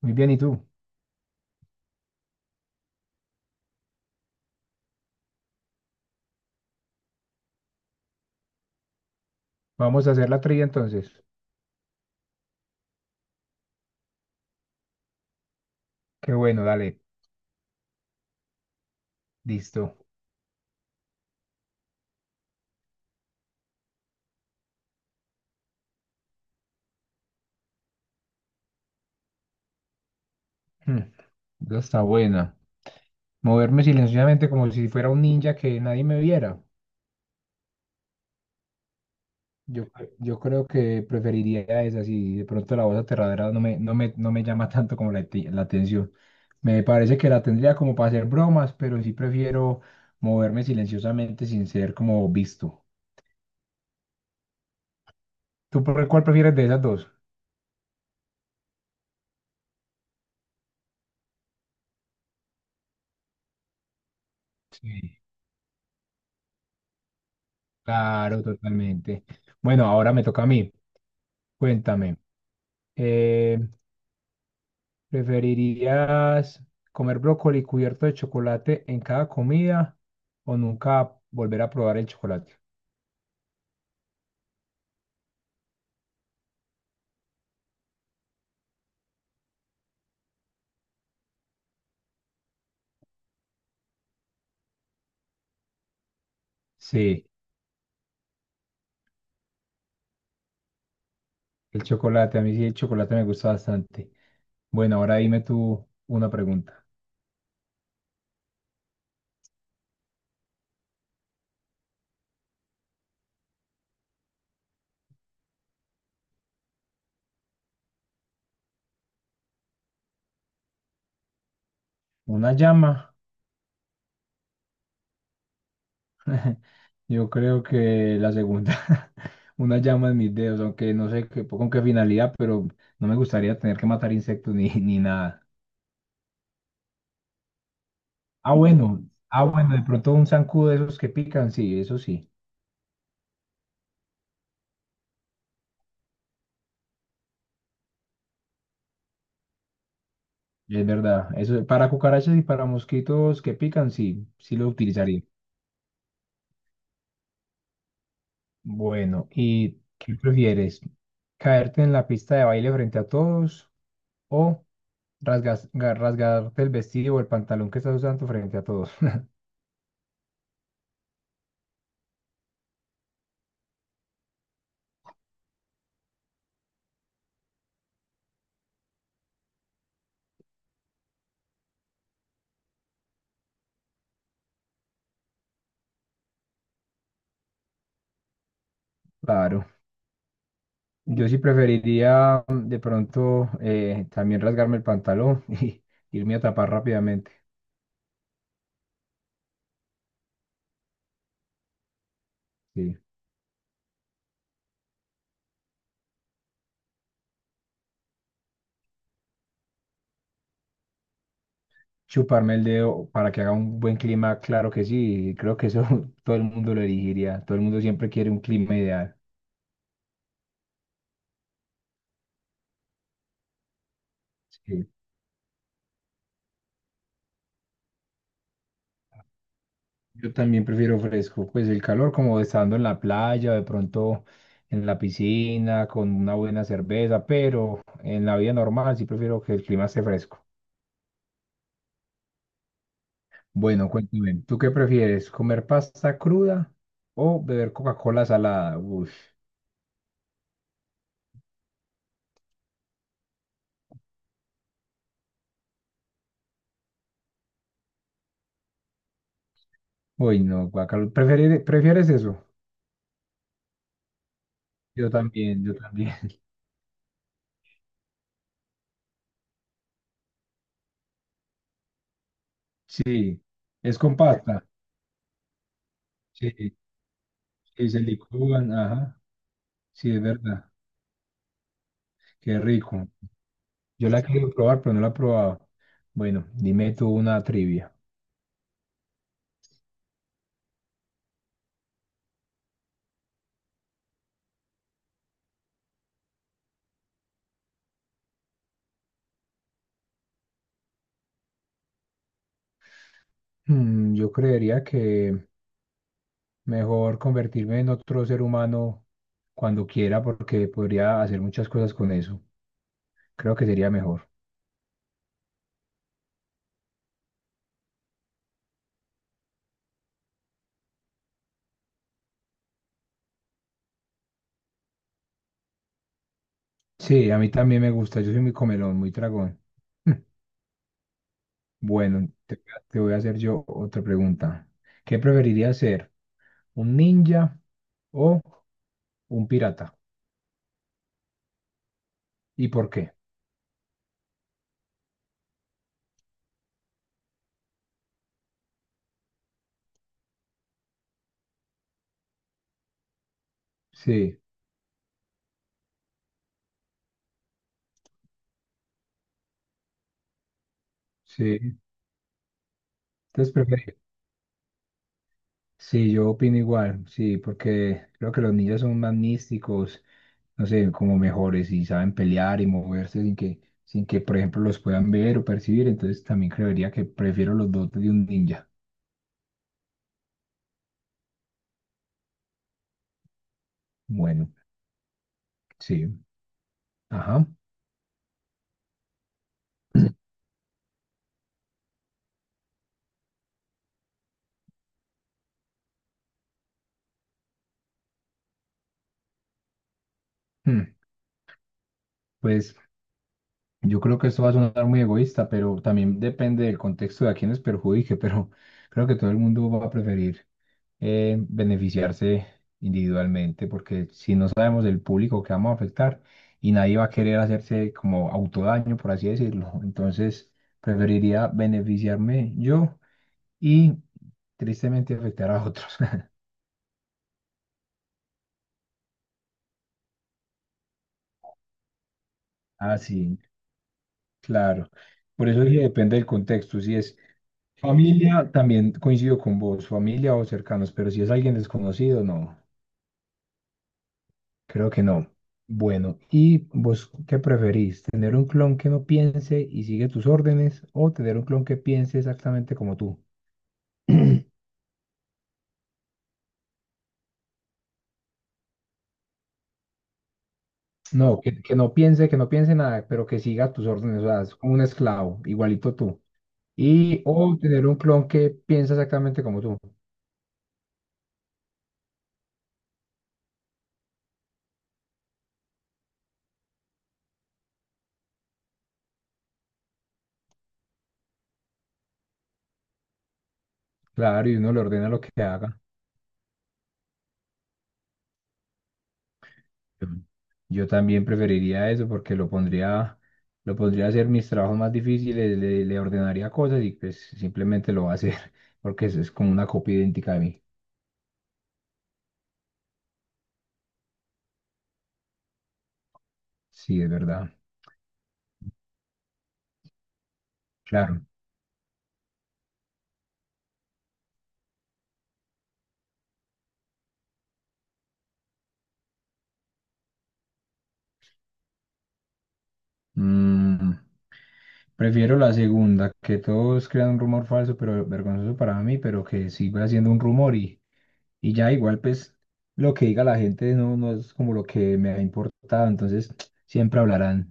Muy bien, ¿y tú? Vamos a hacer la trivia entonces. Qué bueno, dale, listo. Hmm, esa está buena. Moverme silenciosamente como si fuera un ninja que nadie me viera. Yo, yo creo que preferiría esa si de pronto la voz aterradora no me llama tanto como la atención. Me parece que la tendría como para hacer bromas, pero sí prefiero moverme silenciosamente sin ser como visto. ¿Tú por cuál prefieres de esas dos? Sí. Claro, totalmente. Bueno, ahora me toca a mí. Cuéntame, eh, ¿preferirías comer brócoli cubierto de chocolate en cada comida o nunca volver a probar el chocolate? Sí, el chocolate, a mí sí el chocolate me gusta bastante. Bueno, ahora dime tú una pregunta. ¿Una llama? Yo creo que la segunda, una llama en mis dedos, aunque no sé qué- con qué finalidad, pero no me gustaría tener que matar insectos ni nada. Ah, bueno, ah, bueno, de pronto un zancudo de esos que pican, sí, eso sí, es verdad. Eso, para cucarachas y para mosquitos que pican, sí, sí lo utilizaría. Bueno, ¿y qué prefieres? ¿Caerte en la pista de baile frente a todos o rasgarte el vestido o el pantalón que estás usando frente a todos? Claro, yo sí preferiría de pronto también rasgarme el pantalón y irme a tapar rápidamente. Sí. Chuparme el dedo para que haga un buen clima, claro que sí, creo que eso todo el mundo lo elegiría, todo el mundo siempre quiere un clima ideal. Sí. Yo también prefiero fresco, pues el calor como estando en la playa, de pronto en la piscina, con una buena cerveza, pero en la vida normal sí prefiero que el clima esté fresco. Bueno, cuéntame, ¿tú qué prefieres, comer pasta cruda o beber Coca-Cola salada? Uy, uy, no, guacalo, ¿prefieres eso? Yo también, yo también. Sí, es con pasta. Sí, sí, se licúan, ajá. Sí, es verdad. Qué rico. Yo la quiero probar, pero no la he probado. Bueno, dime tú una trivia. Mm, yo creería que mejor convertirme en otro ser humano cuando quiera, porque podría hacer muchas cosas con eso. Creo que sería mejor. Sí, a mí también me gusta. Yo soy muy comelón, muy tragón. Bueno, te voy a hacer yo otra pregunta. ¿Qué preferirías ser? ¿Un ninja o un pirata? ¿Y por qué? Sí, sí. Entonces preferí. Sí, yo opino igual, sí, porque creo que los ninjas son más místicos, no sé, como mejores y saben pelear y moverse sin que, por ejemplo, los puedan ver o percibir. Entonces también creería que prefiero los dotes de un ninja. Bueno, sí. Ajá. Hmm, pues yo creo que esto va a sonar muy egoísta, pero también depende del contexto de a quienes perjudique, pero creo que todo el mundo va a preferir beneficiarse individualmente, porque si no sabemos el público que vamos a afectar y nadie va a querer hacerse como autodaño, por así decirlo, entonces preferiría beneficiarme yo y tristemente afectar a otros. Ah, sí, claro. Por eso sí depende del contexto. Si es familia, también coincido con vos, familia o cercanos, pero si es alguien desconocido, no. Creo que no. Bueno, ¿y vos qué preferís? ¿Tener un clon que no piense y sigue tus órdenes o tener un clon que piense exactamente como tú? No, que no piense, que no piense nada, pero que siga tus órdenes, o sea, es como un esclavo, igualito tú. Y o tener un clon que piensa exactamente como tú. Claro, y uno le ordena lo que haga. Yo también preferiría eso porque lo pondría a hacer mis trabajos más difíciles, le ordenaría cosas y pues simplemente lo va a hacer porque es como una copia idéntica de mí. Sí, es verdad. Claro. Mm, prefiero la segunda, que todos crean un rumor falso, pero vergonzoso para mí, pero que siga siendo un rumor y ya igual pues lo que diga la gente no, no es como lo que me ha importado, entonces siempre hablarán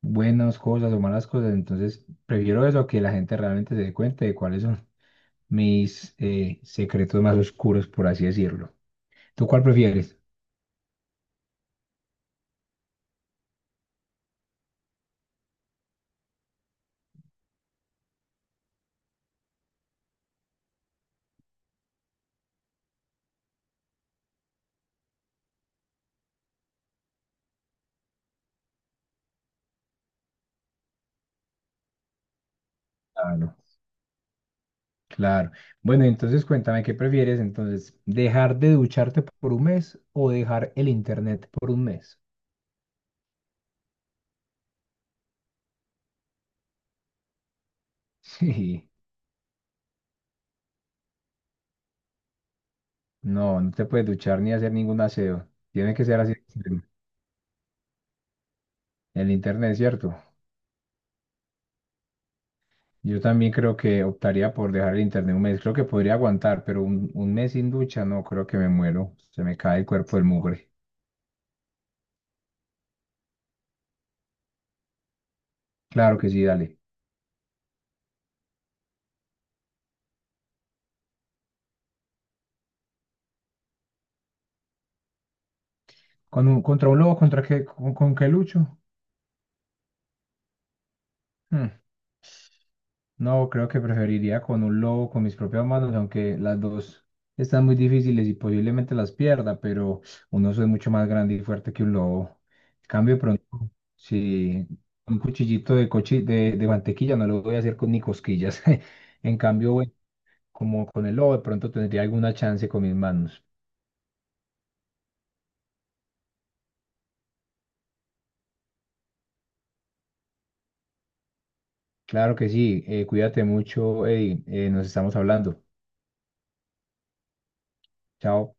buenas cosas o malas cosas. Entonces, prefiero eso a que la gente realmente se dé cuenta de cuáles son mis secretos más oscuros, por así decirlo. ¿Tú cuál prefieres? Claro, claro. Bueno, entonces cuéntame, ¿qué prefieres entonces? ¿Dejar de ducharte por un mes o dejar el internet por un mes? Sí, no, no te puedes duchar ni hacer ningún aseo. Tiene que ser así. El internet, ¿cierto? Yo también creo que optaría por dejar el internet un mes. Creo que podría aguantar, pero un mes sin ducha, no, creo que me muero. Se me cae el cuerpo del mugre. Claro que sí, dale. ¿Con un, contra un lobo? ¿Contra qué? Con qué lucho? Hmm, no, creo que preferiría con un lobo, con mis propias manos, aunque las dos están muy difíciles y posiblemente las pierda, pero un oso es mucho más grande y fuerte que un lobo. En cambio, de pronto, si un cuchillito de mantequilla no lo voy a hacer con ni cosquillas. En cambio, bueno, como con el lobo, de pronto tendría alguna chance con mis manos. Claro que sí, cuídate mucho, Eddie, nos estamos hablando. Chao.